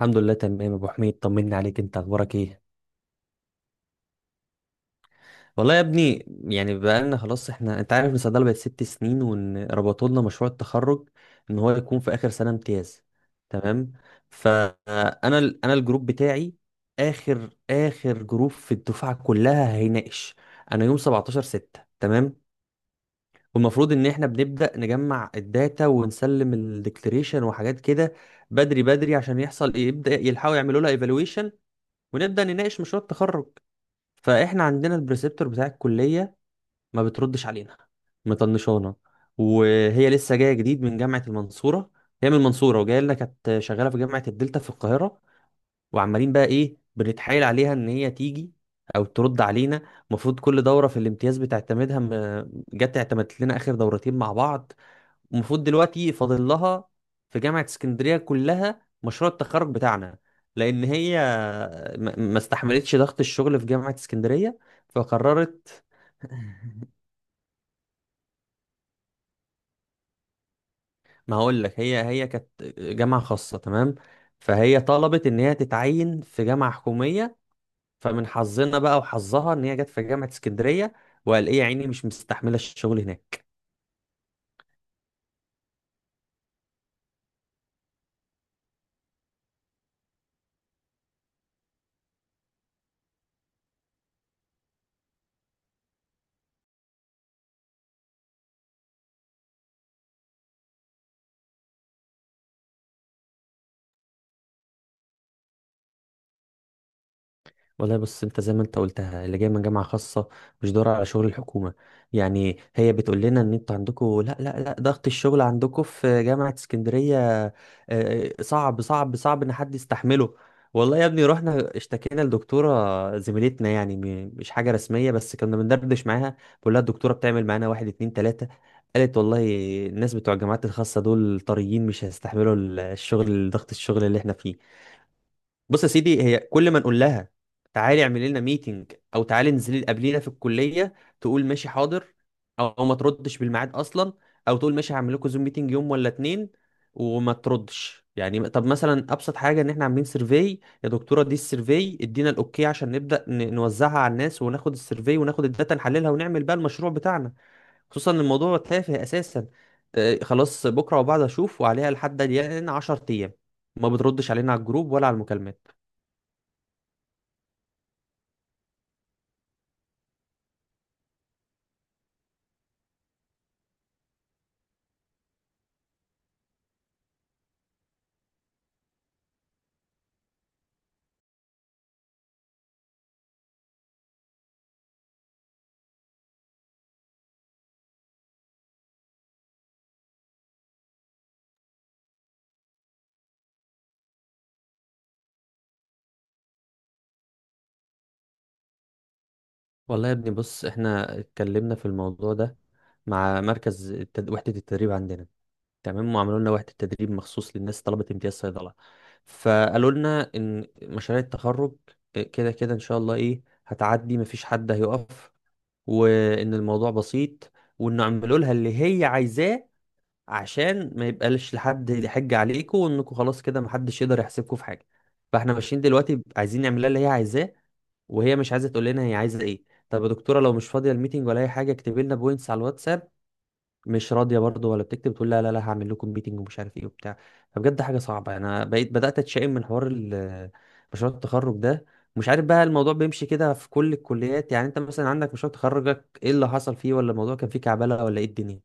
الحمد لله تمام، ابو حميد طمني عليك. انت اخبارك ايه؟ والله يا ابني، يعني بقالنا خلاص احنا، انت عارف ان الصيدله بقت 6 سنين، وان ربطوا لنا مشروع التخرج ان هو يكون في اخر سنه امتياز. تمام. فانا ال- انا الجروب بتاعي اخر اخر جروب في الدفعه كلها هيناقش. انا يوم 17 6. تمام. والمفروض ان احنا بنبدا نجمع الداتا ونسلم الديكليريشن وحاجات كده، بدري بدري، عشان يحصل ايه، يبدا يلحقوا يعملوا لها ايفالويشن ونبدا نناقش مشروع التخرج. فاحنا عندنا البريسبتور بتاع الكليه ما بتردش علينا، مطنشانا، وهي لسه جايه جديد من جامعه المنصوره. هي من المنصوره وجايه لنا، كانت شغاله في جامعه الدلتا في القاهره، وعمالين بقى ايه، بنتحايل عليها ان هي تيجي او ترد علينا. المفروض كل دوره في الامتياز بتعتمدها، جت اعتمدت لنا اخر دورتين مع بعض. المفروض دلوقتي فاضل لها في جامعة اسكندرية كلها مشروع التخرج بتاعنا، لأن هي ما استحملتش ضغط الشغل في جامعة اسكندرية، فقررت. ما هقول لك، هي كانت جامعة خاصة، تمام، فهي طلبت إن هي تتعين في جامعة حكومية، فمن حظنا بقى وحظها إن هي جت في جامعة اسكندرية، وقال إيه يا عيني مش مستحملة الشغل هناك. والله بص، انت زي ما انت قلتها، اللي جاي من جامعه خاصه مش دور على شغل الحكومه. يعني هي بتقول لنا ان انتوا عندكم، لا لا لا، ضغط الشغل عندكم في جامعه اسكندريه آه، صعب صعب صعب ان حد يستحمله. والله يا ابني، رحنا اشتكينا لدكتوره زميلتنا، يعني مش حاجه رسميه، بس كنا بندردش معاها، بقول لها الدكتوره بتعمل معانا واحد اتنين تلاته. قالت والله الناس بتوع الجامعات الخاصه دول طريين، مش هيستحملوا ضغط الشغل اللي احنا فيه. بص يا سيدي، هي كل ما نقول لها تعالي اعملي لنا ميتنج او تعالي انزلي قابلينا في الكليه، تقول ماشي حاضر، او ما تردش بالميعاد اصلا، او تقول ماشي هعمل لكم زوم ميتنج يوم ولا اتنين، وما تردش. يعني طب مثلا ابسط حاجه، ان احنا عاملين سيرفي، يا دكتوره دي السيرفي ادينا الاوكي عشان نبدا نوزعها على الناس وناخد السيرفي وناخد الداتا نحللها ونعمل بقى المشروع بتاعنا، خصوصا ان الموضوع تافه اساسا. خلاص بكره وبعد اشوف، وعليها لحد الان 10 ايام ما بتردش علينا على الجروب ولا على المكالمات. والله يا ابني بص، احنا اتكلمنا في الموضوع ده مع وحدة التدريب عندنا. تمام. وعملوا لنا وحدة تدريب مخصوص للناس طلبة امتياز صيدلة. فقالوا لنا ان مشاريع التخرج كده كده ان شاء الله ايه هتعدي، مفيش حد هيقف، وان الموضوع بسيط، وانه عملوا لها اللي هي عايزاه عشان ما يبقاش لحد يحج عليكم، وانكم خلاص كده محدش يقدر يحسبكم في حاجه. فاحنا ماشيين دلوقتي عايزين نعملها اللي هي عايزاه، وهي مش عايزه تقول لنا هي عايزه ايه. طب يا دكتوره لو مش فاضيه الميتنج ولا اي حاجه اكتبي لنا بوينتس على الواتساب. مش راضيه برضه ولا بتكتب، تقول لا لا لا هعمل لكم ميتنج ومش عارف ايه وبتاع. فبجد حاجه صعبه، انا بقيت بدات اتشائم من حوار مشروع التخرج ده. مش عارف بقى الموضوع بيمشي كده في كل الكليات، يعني انت مثلا عندك مشروع تخرجك ايه اللي حصل فيه، ولا الموضوع كان فيه كعبله ولا ايه الدنيا؟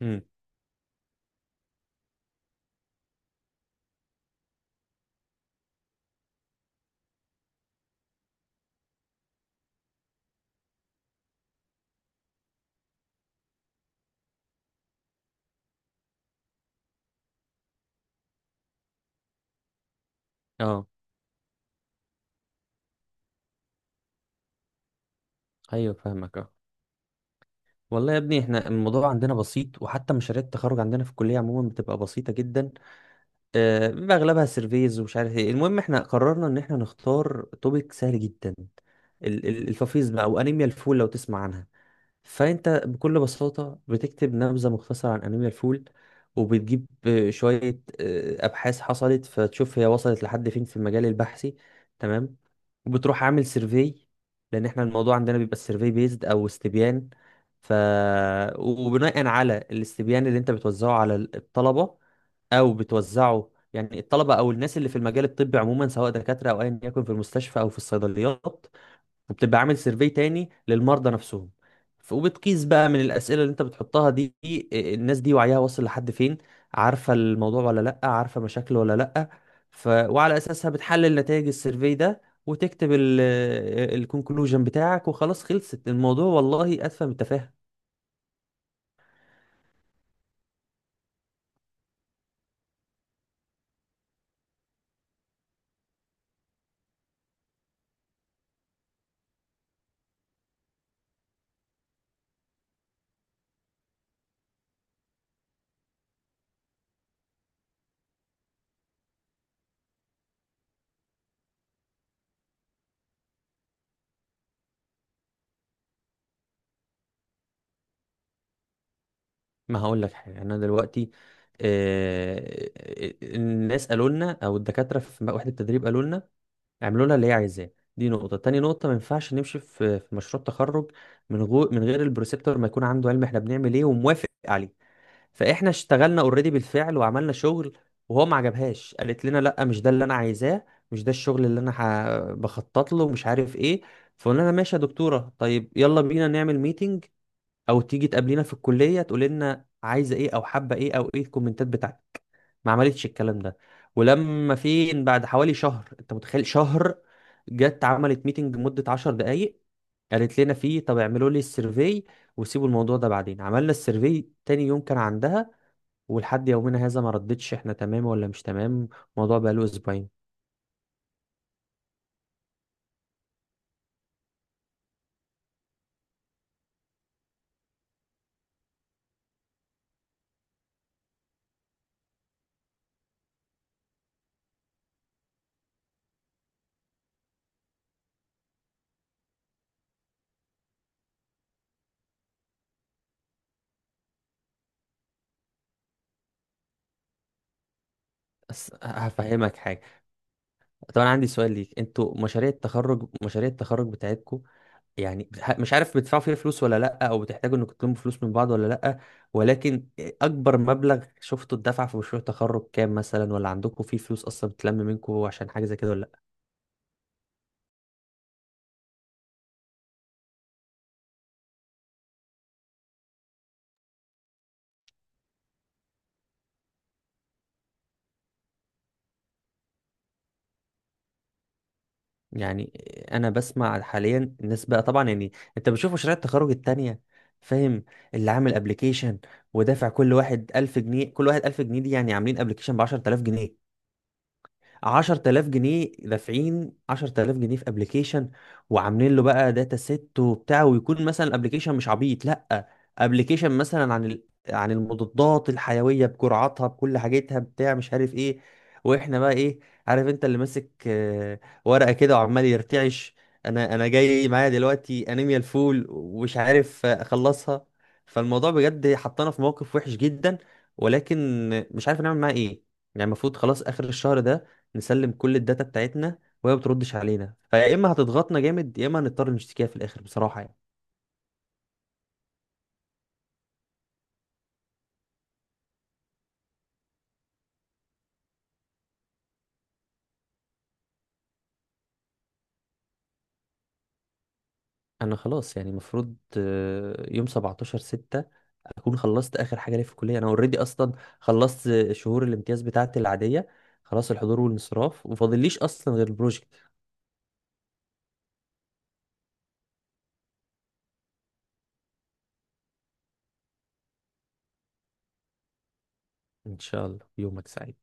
امم. اه. ايوه فاهمك. والله يا ابني، احنا الموضوع عندنا بسيط، وحتى مشاريع التخرج عندنا في الكلية عموما بتبقى بسيطة جدا. بيبقى اغلبها سيرفيز ومش عارف ايه. المهم، احنا قررنا ان احنا نختار توبيك سهل جدا، الفافيز بقى وانيميا الفول لو تسمع عنها. فانت بكل بساطه بتكتب نبذه مختصره عن انيميا الفول، وبتجيب شويه ابحاث حصلت، فتشوف هي وصلت لحد فين في المجال البحثي. تمام. وبتروح عامل سيرفي، لان احنا الموضوع عندنا بيبقى سيرفي بيزد او استبيان. ف وبناء على الاستبيان اللي انت بتوزعه على الطلبه، او بتوزعه يعني الطلبه او الناس اللي في المجال الطبي عموما، سواء دكاتره او ايا يكن، في المستشفى او في الصيدليات. وبتبقى عامل سيرفي تاني للمرضى نفسهم، وبتقيس بقى من الأسئلة اللي انت بتحطها دي إيه، الناس دي وعيها واصل لحد فين، عارفة الموضوع ولا لأ، عارفة مشاكله ولا لأ. وعلى أساسها بتحلل نتائج السيرفي ده وتكتب الكونكلوجن بتاعك، وخلاص خلصت الموضوع، والله أتفه من التفاهة. ما هقول لك حاجة. أنا دلوقتي الناس قالوا لنا، أو الدكاترة في وحدة التدريب قالوا لنا اعملوا لها اللي هي عايزاه. دي نقطة. تاني نقطة، ما ينفعش نمشي في مشروع تخرج من غير البروسيبتور ما يكون عنده علم احنا بنعمل ايه وموافق عليه. فاحنا اشتغلنا اوريدي بالفعل وعملنا شغل، وهو ما عجبهاش، قالت لنا لا مش ده اللي انا عايزاه، مش ده الشغل اللي انا بخطط له مش عارف ايه. فقلنا لها ماشي يا دكتورة، طيب يلا بينا نعمل ميتنج او تيجي تقابلينا في الكلية، تقول لنا عايزة ايه او حابة ايه او ايه الكومنتات بتاعتك. ما عملتش الكلام ده. ولما فين، بعد حوالي شهر، انت متخيل شهر، جت عملت ميتنج مدة 10 دقايق، قالت لنا فيه طب اعملوا لي السيرفي وسيبوا الموضوع ده. بعدين عملنا السيرفي تاني يوم كان عندها، ولحد يومنا هذا ما ردتش احنا تمام ولا مش تمام. الموضوع بقى له اسبوعين. هفهمك حاجة. طبعا عندي سؤال ليك، انتوا مشاريع التخرج بتاعتكم يعني مش عارف، بتدفعوا فيها فلوس ولا لأ، أو بتحتاجوا إنكم تلموا فلوس من بعض ولا لأ؟ ولكن أكبر مبلغ شفته اتدفع في مشروع تخرج كام مثلا، ولا عندكم فيه فلوس أصلا بتلم منكم عشان حاجة زي كده ولا لأ؟ يعني أنا بسمع حاليا الناس بقى، طبعا يعني أنت بتشوف مشاريع التخرج التانية، فاهم، اللي عامل ابلكيشن ودافع كل واحد 1000 جنيه، كل واحد 1000 جنيه، دي يعني عاملين ابلكيشن ب 10000 جنيه. 10000 جنيه دافعين 10000 جنيه في ابلكيشن، وعاملين له بقى داتا سيت وبتاع، ويكون مثلا الابلكيشن مش عبيط، لا ابلكيشن مثلا عن عن المضادات الحيويه بجرعاتها بكل حاجتها بتاع، مش عارف ايه. واحنا بقى ايه؟ عارف انت اللي ماسك ورقه كده وعمال يرتعش. انا جاي معايا دلوقتي انيميا الفول ومش عارف اخلصها. فالموضوع بجد حطنا في موقف وحش جدا، ولكن مش عارف نعمل معاه ايه. يعني المفروض خلاص اخر الشهر ده نسلم كل الداتا بتاعتنا، وهي ما بتردش علينا، فيا اما هتضغطنا جامد يا اما هنضطر نشتكيها في الاخر بصراحه يعني. انا خلاص يعني المفروض يوم 17 6 اكون خلصت اخر حاجه ليا في الكليه. انا اوريدي اصلا خلصت شهور الامتياز بتاعتي العاديه، خلاص الحضور والانصراف، ومفاضليش اصلا غير البروجكت. ان شاء الله يومك سعيد.